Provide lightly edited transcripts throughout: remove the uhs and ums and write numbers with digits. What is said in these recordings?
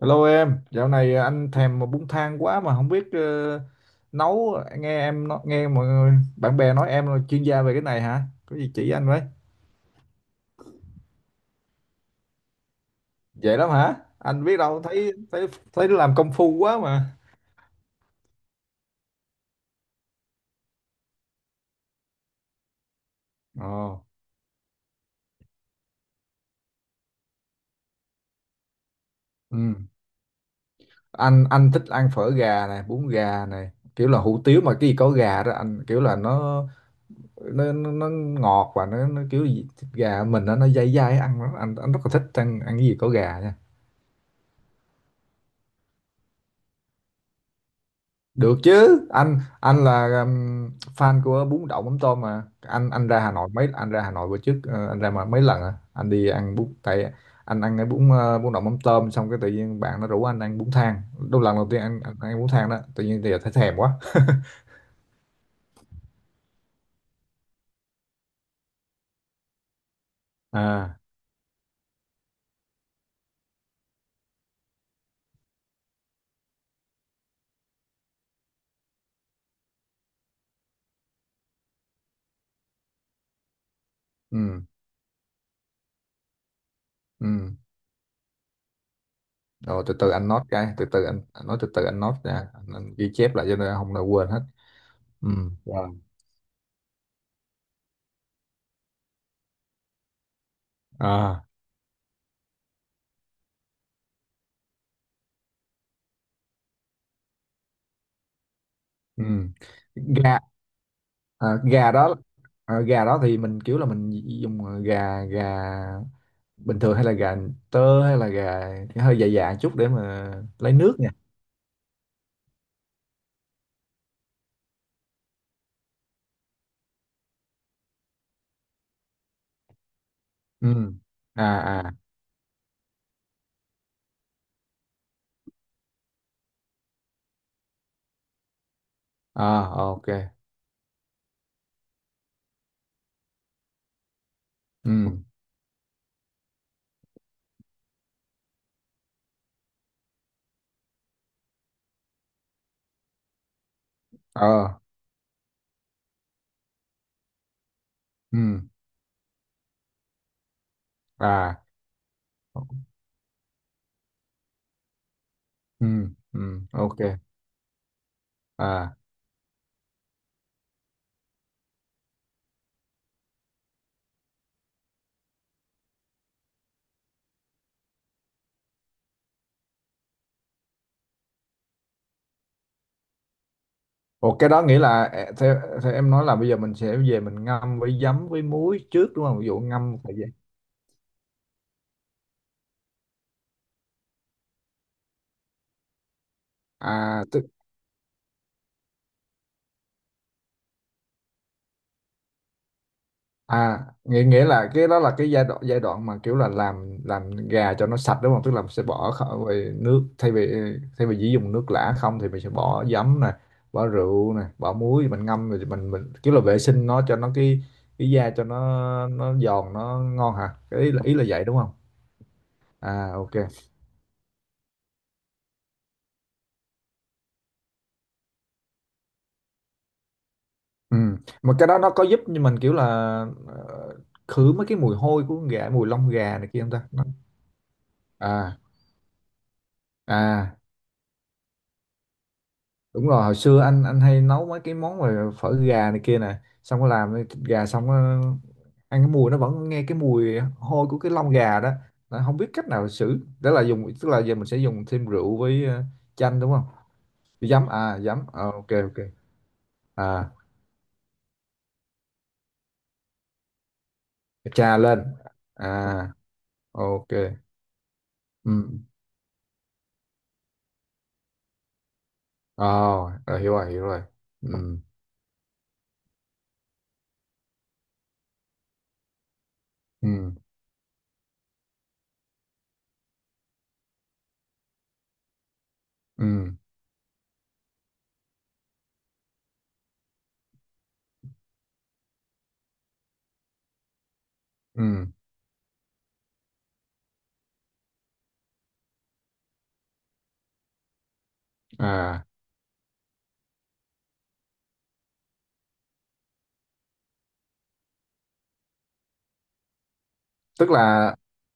Hello em, dạo này anh thèm bún thang quá mà không biết nấu. Nghe nghe mọi người bạn bè nói em là chuyên gia về cái này hả? Có gì chỉ anh với? Vậy lắm hả? Anh biết đâu, thấy thấy thấy nó làm công phu quá mà. Ồ. Ừ. Anh thích ăn phở gà này, bún gà này, kiểu là hủ tiếu mà cái gì có gà đó anh kiểu là nó ngọt và nó kiểu gì, thịt gà mình nó dai dai ăn lắm. Anh rất là thích ăn ăn cái gì có gà nha. Được chứ, anh là fan của bún đậu mắm tôm mà. Anh ra Hà Nội bữa trước, anh ra mà mấy lần à. Anh đi ăn bún tại anh ăn cái bún đậu mắm tôm xong cái tự nhiên bạn nó rủ anh ăn bún thang. Đó là lần đầu tiên anh ăn bún thang đó, tự nhiên thì thấy thèm quá. À, ừ ừ. Rồi từ từ anh note cái, từ từ anh nói từ từ anh note ra, anh ghi chép lại cho nên không là quên hết. Ừ. Rồi. À. Ừ. Gà. À, gà đó. À, gà đó thì mình kiểu là mình dùng gà gà bình thường hay là gà tơ hay là gà hơi dài dài chút để mà lấy nước nha. Ừ. À à. À. Ok. Ừ. Ờ. Ừ. À. Ừ ừ. Ok. À. Ủa cái đó nghĩa là theo, theo em nói là bây giờ mình sẽ về mình ngâm với giấm với muối trước đúng không? Ví dụ ngâm một thời gian. À, à nghĩa nghĩa là cái đó là cái giai đoạn mà kiểu là làm gà cho nó sạch đúng không, tức là mình sẽ về nước, thay vì chỉ dùng nước lã không, thì mình sẽ bỏ giấm nè, bỏ rượu nè, bỏ muối, mình ngâm rồi mình kiểu là vệ sinh nó cho nó cái da cho nó giòn nó ngon hả, cái ý là vậy đúng không? À, ok. Ừ. Mà cái đó nó có giúp như mình kiểu là ờ, khử mấy cái mùi hôi của con gà, mùi lông gà này kia không ta? Nó- à à. Đúng rồi hồi xưa anh hay nấu mấy cái món mà phở gà này kia nè, xong có làm cái thịt gà xong có ăn, cái mùi nó vẫn nghe cái mùi hôi của cái lông gà đó, nó không biết cách nào xử, đó là dùng, tức là giờ mình sẽ dùng thêm rượu với chanh đúng không? Với giấm, à giấm. Ờ, ok ok. À, trà lên. À. Ok. Ừ. Ờ. Rồi, hiểu rồi hiểu rồi. Ừ ừ ừ ừ. À tức là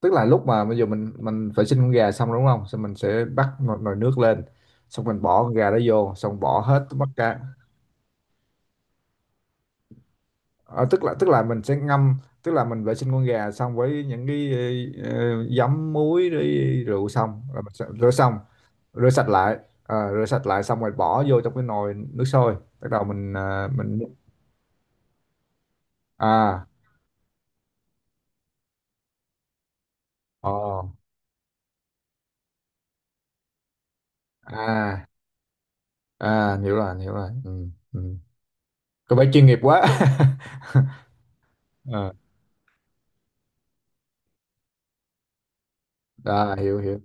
tức là lúc mà bây giờ mình vệ sinh con gà xong đúng không, xong mình sẽ bắt nồi, nồi nước lên, xong mình bỏ con gà đó vô xong bỏ hết tất cả. Ờ, tức là mình sẽ ngâm, tức là mình vệ sinh con gà xong với những cái giấm muối rồi rượu, xong rồi mình sẽ rửa xong, rửa sạch lại. Ờ, rửa sạch lại xong rồi bỏ vô trong cái nồi nước sôi, bắt đầu mình mình. À. Ồ. À. À hiểu rồi hiểu rồi. Ừ, ừ. Có vẻ chuyên nghiệp quá. Ờ. À, hiểu hiểu.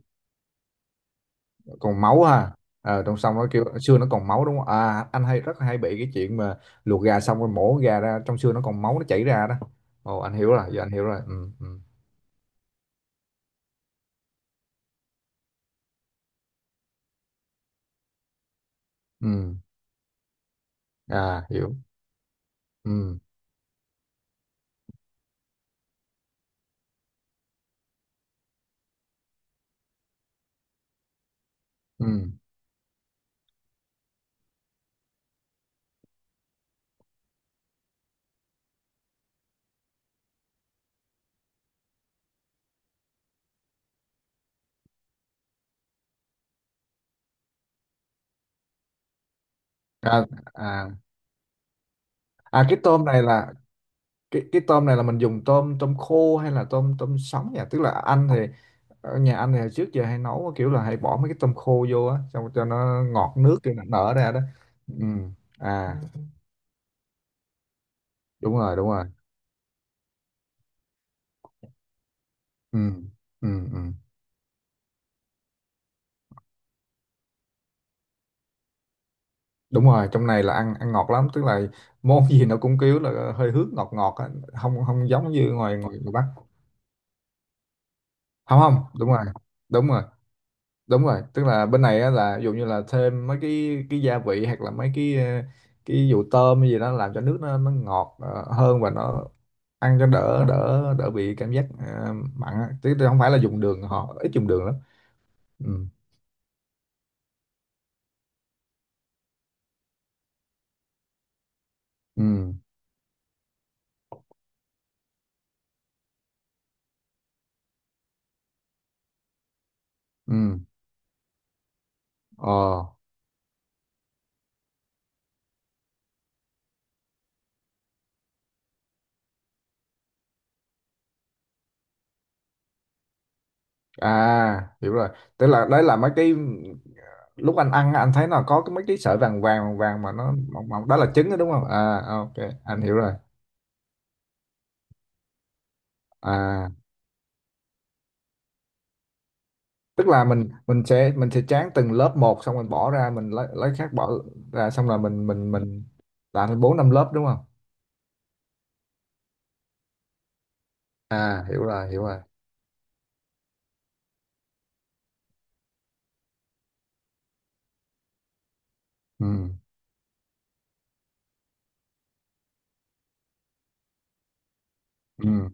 Còn máu ha. Ờ, trong xương, nó kêu xương nó còn máu đúng không, à anh hay rất hay bị cái chuyện mà luộc gà xong rồi mổ gà ra trong xương nó còn máu nó chảy ra đó. Ồ anh hiểu rồi, giờ anh hiểu rồi. Ừ ừ. Ừ. À hiểu. Ừ ừ. À, à. À cái tôm này là, cái tôm này là mình dùng tôm tôm khô hay là tôm tôm sống nhỉ, tức là anh thì ở nhà anh thì trước giờ hay nấu kiểu là hay bỏ mấy cái tôm khô vô á, xong cho nó ngọt nước cho nó nở ra đó. Ừ. À đúng rồi đúng rồi. Ừ ừ ừ. Đúng rồi, trong này là ăn ăn ngọt lắm, tức là món gì nó cũng kiểu là hơi hướng ngọt ngọt á. Không, không giống như ngoài ngoài, ngoài Bắc. Không không, đúng rồi đúng rồi đúng rồi, tức là bên này á, là ví dụ như là thêm mấy cái gia vị hoặc là mấy cái cái vụ tôm hay gì đó làm cho nước nó ngọt hơn và nó ăn cho đỡ đỡ đỡ bị cảm giác mặn á. Chứ không phải là dùng đường, họ ít dùng đường lắm. Ừ ừ ừ. Ờ. À hiểu rồi, tức là đấy là mấy cái lúc anh ăn á, anh thấy nó có cái mấy cái sợi vàng vàng vàng vàng mà nó mỏng mỏng đó là trứng đó đúng không? À ok, anh hiểu rồi. À tức là mình sẽ tráng từng lớp một, xong mình bỏ ra mình lấy khác bỏ ra, xong rồi mình mình làm thành bốn năm lớp đúng không? À hiểu rồi hiểu rồi. Ừ ừ.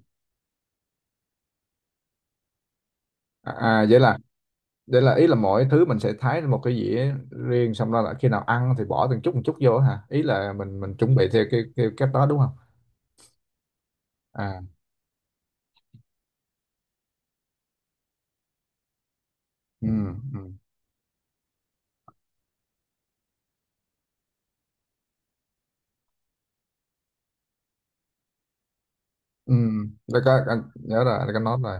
À. À, vậy là ý là mỗi thứ mình sẽ thái lên một cái dĩa riêng, xong đó là khi nào ăn thì bỏ từng chút chút vô hả, ý là mình chuẩn bị theo cái theo cách đó đúng không? À. Ừ ừ. Ừ. Đây anh nhớ rồi, anh có nói rồi.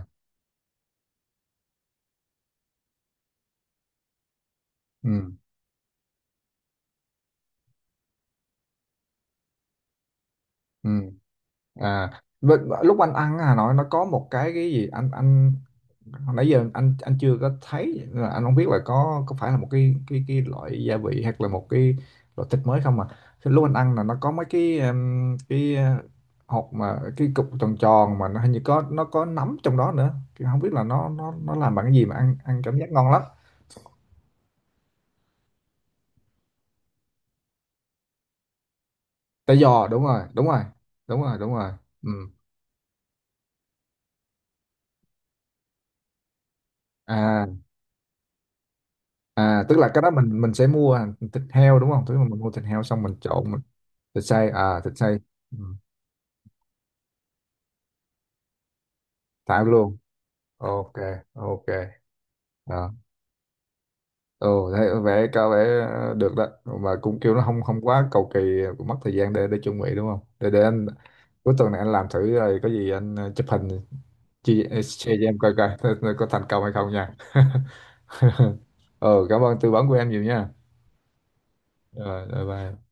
Ừ ừ. À vậy- lúc anh ăn à, nói nó có một cái gì, anh nãy giờ anh chưa có thấy, là anh không biết là có phải là một cái cái loại gia vị hoặc là một cái loại thịt mới không mà, thì lúc anh ăn là nó có mấy cái hột mà cái cục tròn tròn mà nó hình như có, nó có nấm trong đó nữa. Thì không biết là nó làm bằng cái gì mà ăn ăn cảm giác ngon lắm. Tỏi giò, đúng rồi đúng rồi đúng rồi đúng rồi. Ừ. À à, tức là cái đó mình sẽ mua thịt heo đúng không, tức là mình mua thịt heo xong trộn mình. Thịt xay, à thịt xay. Ừ. Thả luôn. Ok ok. Đó. Ồ thấy có vẻ được đó mà cũng kêu nó không không quá cầu kỳ, cũng mất thời gian để chuẩn bị đúng không, để để anh cuối tuần này anh làm thử, rồi có gì anh chụp hình, chia share cho em coi coi coi có thành công hay không nha. Ừ cảm ơn tư vấn của em nhiều nha. Rồi bye bye.